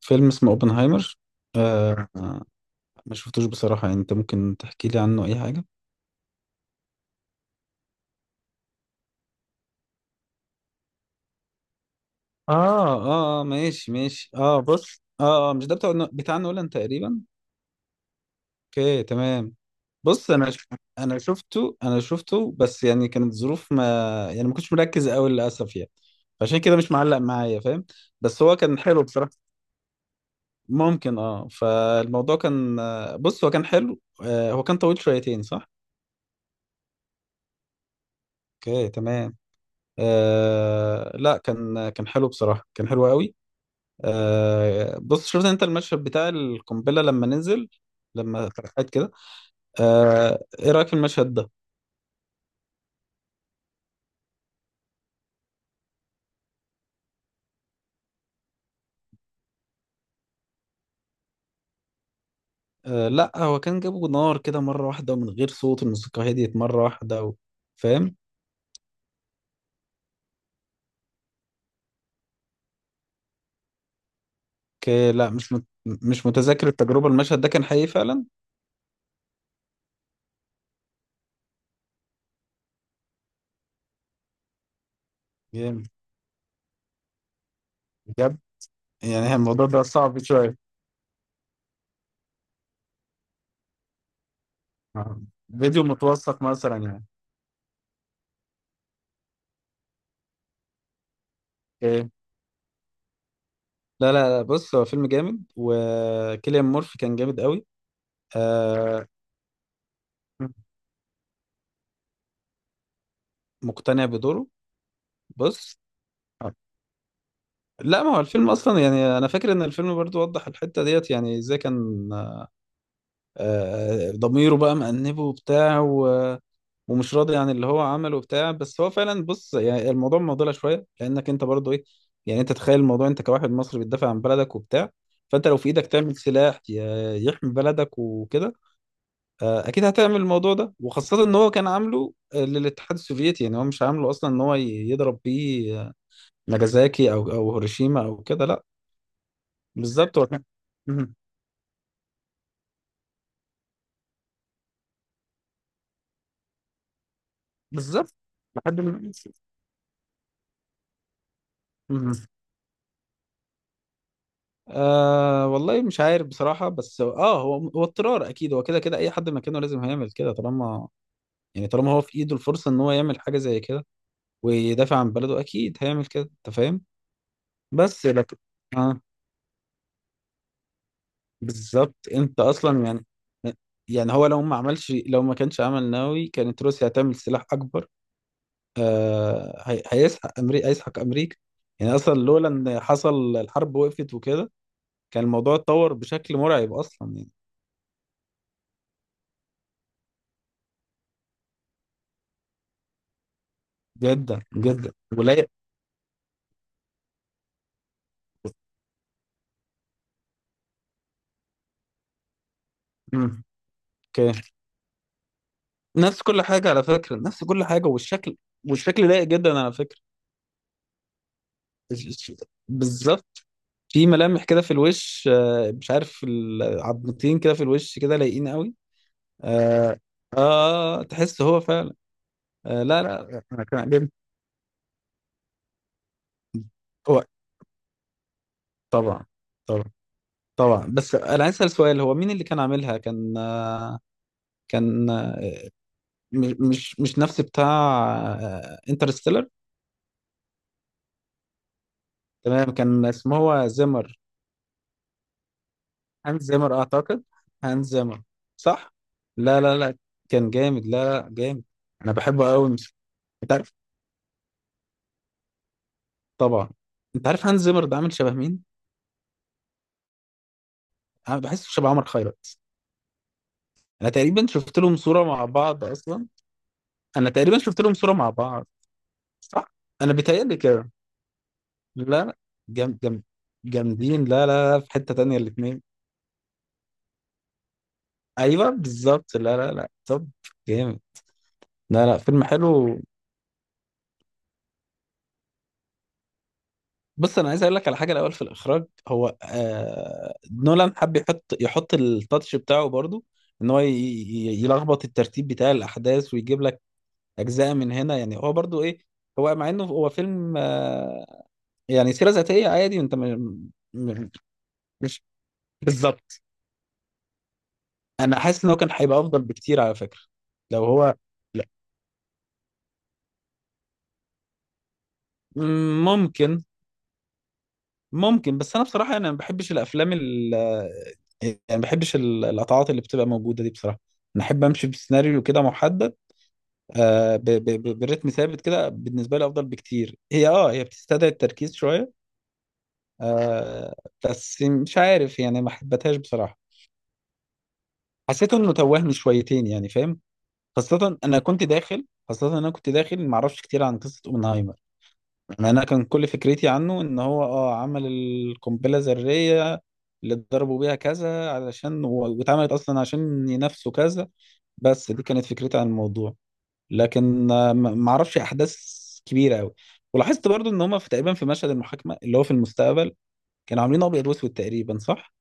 فيلم اسمه اوبنهايمر. آه، ما شفتوش بصراحة، يعني انت ممكن تحكي لي عنه اي حاجة. اه، ماشي ماشي، اه بص، آه، مش ده بتاع نولان تقريبا. اوكي تمام. بص انا شفته، انا شفته، بس يعني كانت ظروف ما، يعني ما كنتش مركز قوي للاسف يعني. عشان كده مش معلق معايا، فاهم. بس هو كان حلو بصراحة. ممكن اه، فالموضوع كان آه، بص هو كان حلو، آه هو كان طويل شويتين صح. اوكي تمام. آه لا، كان حلو بصراحة، كان حلو قوي. آه بص، شفت انت المشهد بتاع القنبلة لما نزل، لما اتفتحت كده. آه، ايه رأيك في المشهد ده؟ آه لا، هو كان جابه نار كده مرة واحدة، ومن غير صوت الموسيقى هديت مرة واحدة و... فاهم. ك- لا مش متذكر التجربة. المشهد ده كان حقيقي فعلا؟ جامد بجد. يعني الموضوع ده صعب شوية. آه. فيديو متوثق مثلا يعني. اوكي. لا لا. لا، بص هو فيلم جامد، وكيليان مورفي كان جامد قوي. آه. مقتنع بدوره. بص، لا ما هو الفيلم اصلا، يعني انا فاكر ان الفيلم برضو وضح الحته ديت، يعني ازاي كان آه، ضميره بقى مأنبه وبتاع ومش راضي عن اللي هو عمله وبتاع. بس هو فعلا، بص يعني الموضوع معضله شويه، لانك انت برضو ايه، يعني انت تخيل الموضوع، انت كواحد مصري بتدافع عن بلدك وبتاع، فانت لو في ايدك تعمل سلاح يحمي بلدك وكده. آه، اكيد هتعمل الموضوع ده، وخاصه ان هو كان عامله آه، للاتحاد السوفيتي، يعني هو مش عامله اصلا ان يضرب بيه ناجازاكي او هيروشيما او كده، لا. بالظبط، هو كان مهم. بالظبط. لحد ما. مهم. آه والله مش عارف بصراحة، بس هو اضطرار، اكيد هو كده كده اي حد مكانه لازم هيعمل كده، طالما يعني طالما هو في ايده الفرصة ان هو يعمل حاجة زي كده، ويدافع عن بلده اكيد هيعمل كده، انت فاهم. بس لكن، اه بالظبط، انت اصلا يعني، يعني هو لو ما عملش، لو ما كانش عمل نووي، كانت روسيا هتعمل سلاح اكبر. آه هيسحق امريكا، هيسحق امريكا. يعني اصلا لولا ان حصل الحرب، وقفت وكده، كان الموضوع اتطور بشكل مرعب اصلا يعني. جدا جدا، ولايق. مم. اوكي. نفس كل حاجه على فكره، نفس كل حاجه، والشكل. والشكل لايق جدا على فكره. الش- الش- بالظبط. في ملامح كده في الوش، آه، مش عارف، العضمتين كده في الوش كده لايقين قوي. آه. اه تحس هو فعلا. آه لا لا، انا كان عاجبني. هو طبعا. طبعا. طبعا. بس انا عايز اسال سؤال، هو مين اللي كان عاملها؟ كان آه، كان آه، مش نفس بتاع انترستيلر. تمام، كان اسمه هو زيمر. هانز زيمر اعتقد. هانز زيمر. صح. لا لا لا، كان جامد، لا لا جامد. انا بحبه قوي. انت عارف. طبعا. انت عارف هانز زيمر ده عامل شبه مين؟ انا بحسه شبه عمر خيرت. انا تقريبا شفت لهم صورة مع بعض اصلا. انا تقريبا شفت لهم صورة مع بعض، صح. انا بيتهيألي كده. لا لا. جم جم جامدين لا لا لا في حتة تانية الاتنين. ايوه بالظبط، لا لا لا، طب. جامد. لا لا فيلم حلو. بص انا عايز اقول لك على حاجه، الاول في الاخراج هو آه، نولان حب يحط التاتش بتاعه برضو، ان هو يلخبط الترتيب بتاع الاحداث، ويجيب لك اجزاء من هنا. يعني هو برضو ايه، هو مع انه هو فيلم آه، يعني سيره ذاتيه عادي، انت مش. بالظبط. انا حاسس ان هو كان هيبقى افضل بكتير على فكره لو هو. مم، ممكن. ممكن، بس انا بصراحه انا ما بحبش الافلام ال، يعني ما بحبش القطعات اللي بتبقى موجوده دي بصراحه. انا احب امشي بسيناريو كده محدد، آه برتم ثابت كده، بالنسبه لي افضل بكتير. هي اه هي بتستدعي التركيز شويه. آه، بس مش عارف، يعني ما حبيتهاش بصراحه. حسيت انه توهني شويتين، يعني فاهم. خاصه انا كنت داخل، خاصه انا كنت داخل ما اعرفش كتير عن قصه اوبنهايمر. انا كان كل فكرتي عنه ان هو اه عمل القنبله الذريه اللي ضربوا بيها كذا علشان واتعملت اصلا عشان ينافسوا كذا. بس دي كانت فكرتي عن الموضوع. لكن آه، ما اعرفش احداث كبيره قوي. ولاحظت برضو ان هم في تقريبا في مشهد المحاكمه اللي هو في المستقبل كانوا عاملين ابيض واسود تقريبا، صح؟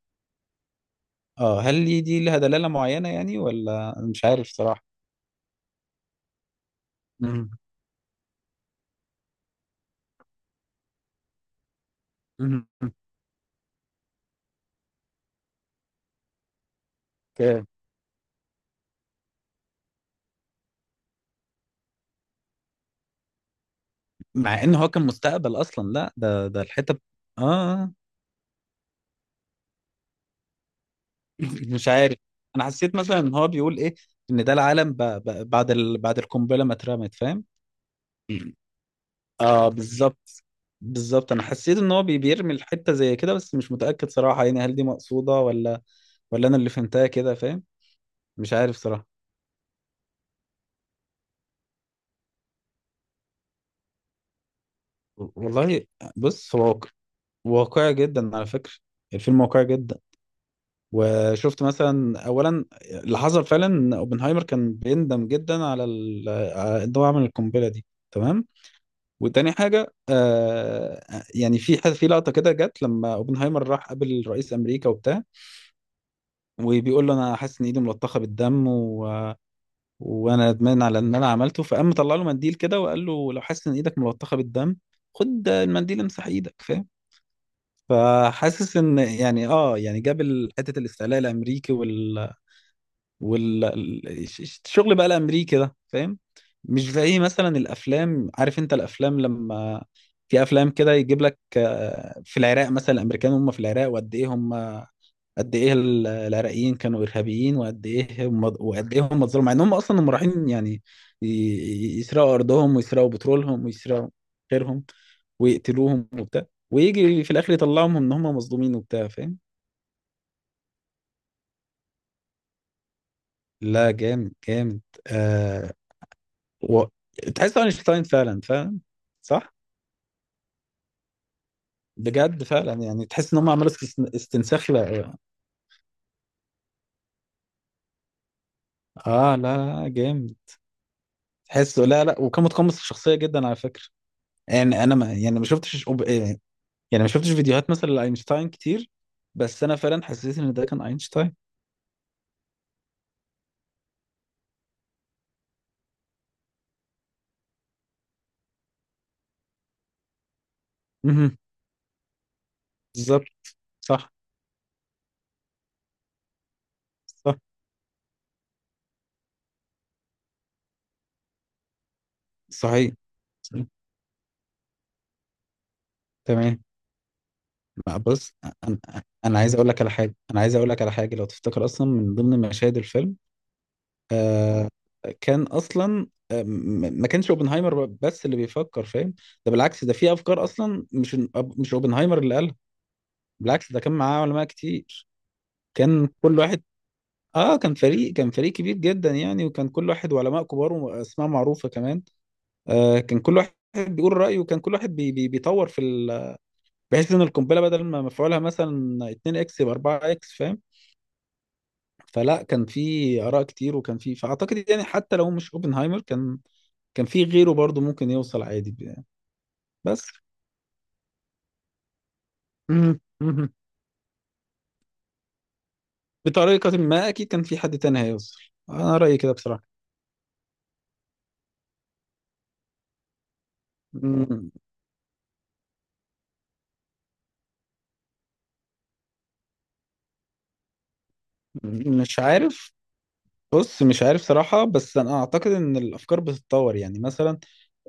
اه هل دي لها دلاله معينه يعني، ولا مش عارف صراحه. مم. مم. اوكي. مع ان هو كان مستقبل اصلا، لا ده الحته اه. آه. مش عارف. انا حسيت مثلا ان هو بيقول ايه، ان ده العالم بعد بعد القنبله ما اترمت، فاهم. اه بالظبط. بالظبط، انا حسيت ان هو بيرمي الحته زي كده، بس مش متاكد صراحه، يعني هل دي مقصوده، ولا ولا انا اللي فهمتها كده، فاهم. مش عارف صراحه. والله. بص هو واقع، واقعي جدا على فكره، الفيلم واقعي جدا. وشفت مثلا اولا، اللي حصل فعلا ان اوبنهايمر كان بيندم جدا على ان هو عمل القنبله دي، تمام. وتاني حاجة آه، يعني في حد، في لقطة كده جت لما اوبنهايمر راح قابل رئيس أمريكا وبتاع، وبيقول له أنا حاسس إن إيدي ملطخة بالدم و... وأنا ندمان على إن أنا عملته، فقام مطلع له منديل كده وقال له لو حاسس إن إيدك ملطخة بالدم، خد المنديل امسح إيدك، فاهم. فحاسس إن يعني آه، يعني جاب حتة الاستعلاء الأمريكي وال... والشغل بقى الامريكي ده، فاهم. مش زي مثلا الافلام، عارف انت الافلام لما، في افلام كده يجيب لك آه، في العراق مثلا الامريكان هم في العراق، وقد ايه هم، قد ايه العراقيين كانوا ارهابيين، وقد ايه هم، وقد ايه هم اتظلموا، مع ان هم اصلا هم رايحين يعني يسرقوا ارضهم، ويسرقوا بترولهم، ويسرقوا غيرهم، ويقتلوهم وبتاع، ويجي في الاخر يطلعهم ان هم مظلومين وبتاع، فاهم. لا جامد جامد. آه. و... تحس اينشتاين فعلا، فاهم. صح. بجد فعلا، يعني تحس ان هم عملوا استنساخ، لا. اه لا لا جامد. تحس لا لا، وكان متقمص الشخصيه جدا على فكره. يعني انا ما، يعني ما شفتش إيه، يعني ما شفتش فيديوهات مثلا لاينشتاين كتير، بس انا فعلا حسيت ان ده كان اينشتاين. مهم. بالظبط. صح. صح. صحيح. تمام. بقى بص انا، انا عايز اقول لك على حاجه، انا عايز اقول لك على حاجه، لو تفتكر اصلا من ضمن مشاهد الفيلم آه، كان اصلا آه، ما كانش اوبنهايمر بس اللي بيفكر، فاهم. ده بالعكس، ده في افكار اصلا مش، مش اوبنهايمر اللي قالها، بالعكس ده كان معاه علماء كتير. كان كل واحد، اه كان فريق، كان فريق كبير جدا يعني، وكان كل واحد، وعلماء كبار واسماء معروفة كمان. آه كان كل واحد بيقول رأيه، وكان كل واحد بي بي بيطور في ال... بحيث ان القنبلة بدل ما مفعولها مثلا 2 اكس يبقى 4 اكس، فاهم. فلا كان في آراء كتير، وكان في، فأعتقد يعني حتى لو مش اوبنهايمر كان، كان في غيره برضو ممكن يوصل عادي بس. مم. مم. بطريقة ما أكيد كان في حد تاني هيوصل، أنا رأيي كده بصراحة. م- مش عارف. بص مش عارف صراحة، بس أنا أعتقد إن الأفكار بتتطور، يعني مثلا،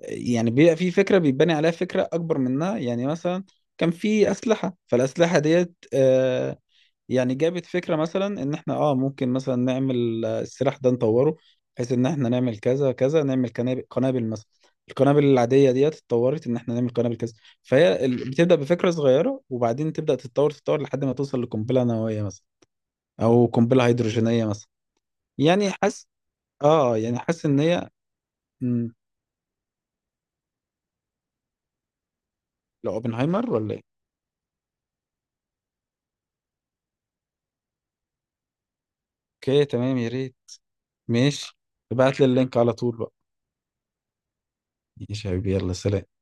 يعني بيبقى في فكرة بيتبني عليها فكرة أكبر منها، يعني مثلا كان في أسلحة، فالأسلحة ديت آه، يعني جابت فكرة مثلا ان احنا اه ممكن مثلا نعمل آه، السلاح ده نطوره، بحيث ان احنا نعمل كذا كذا، نعمل قنابل، قنابل مثلا القنابل العادية ديت اتطورت، ان احنا نعمل قنابل كذا. فهي بتبدأ بفكرة صغيرة، وبعدين تبدأ تتطور لحد ما توصل لقنبلة نووية مثلا، او قنبلة هيدروجينية مثلا. يعني حاسس، اه يعني حاسس ان هي. مم، لو اوبنهايمر ولا ايه. اوكي تمام، يا ريت. ماشي، ابعت لي اللينك على طول بقى. ماشي يا حبيبي، يلا سلام.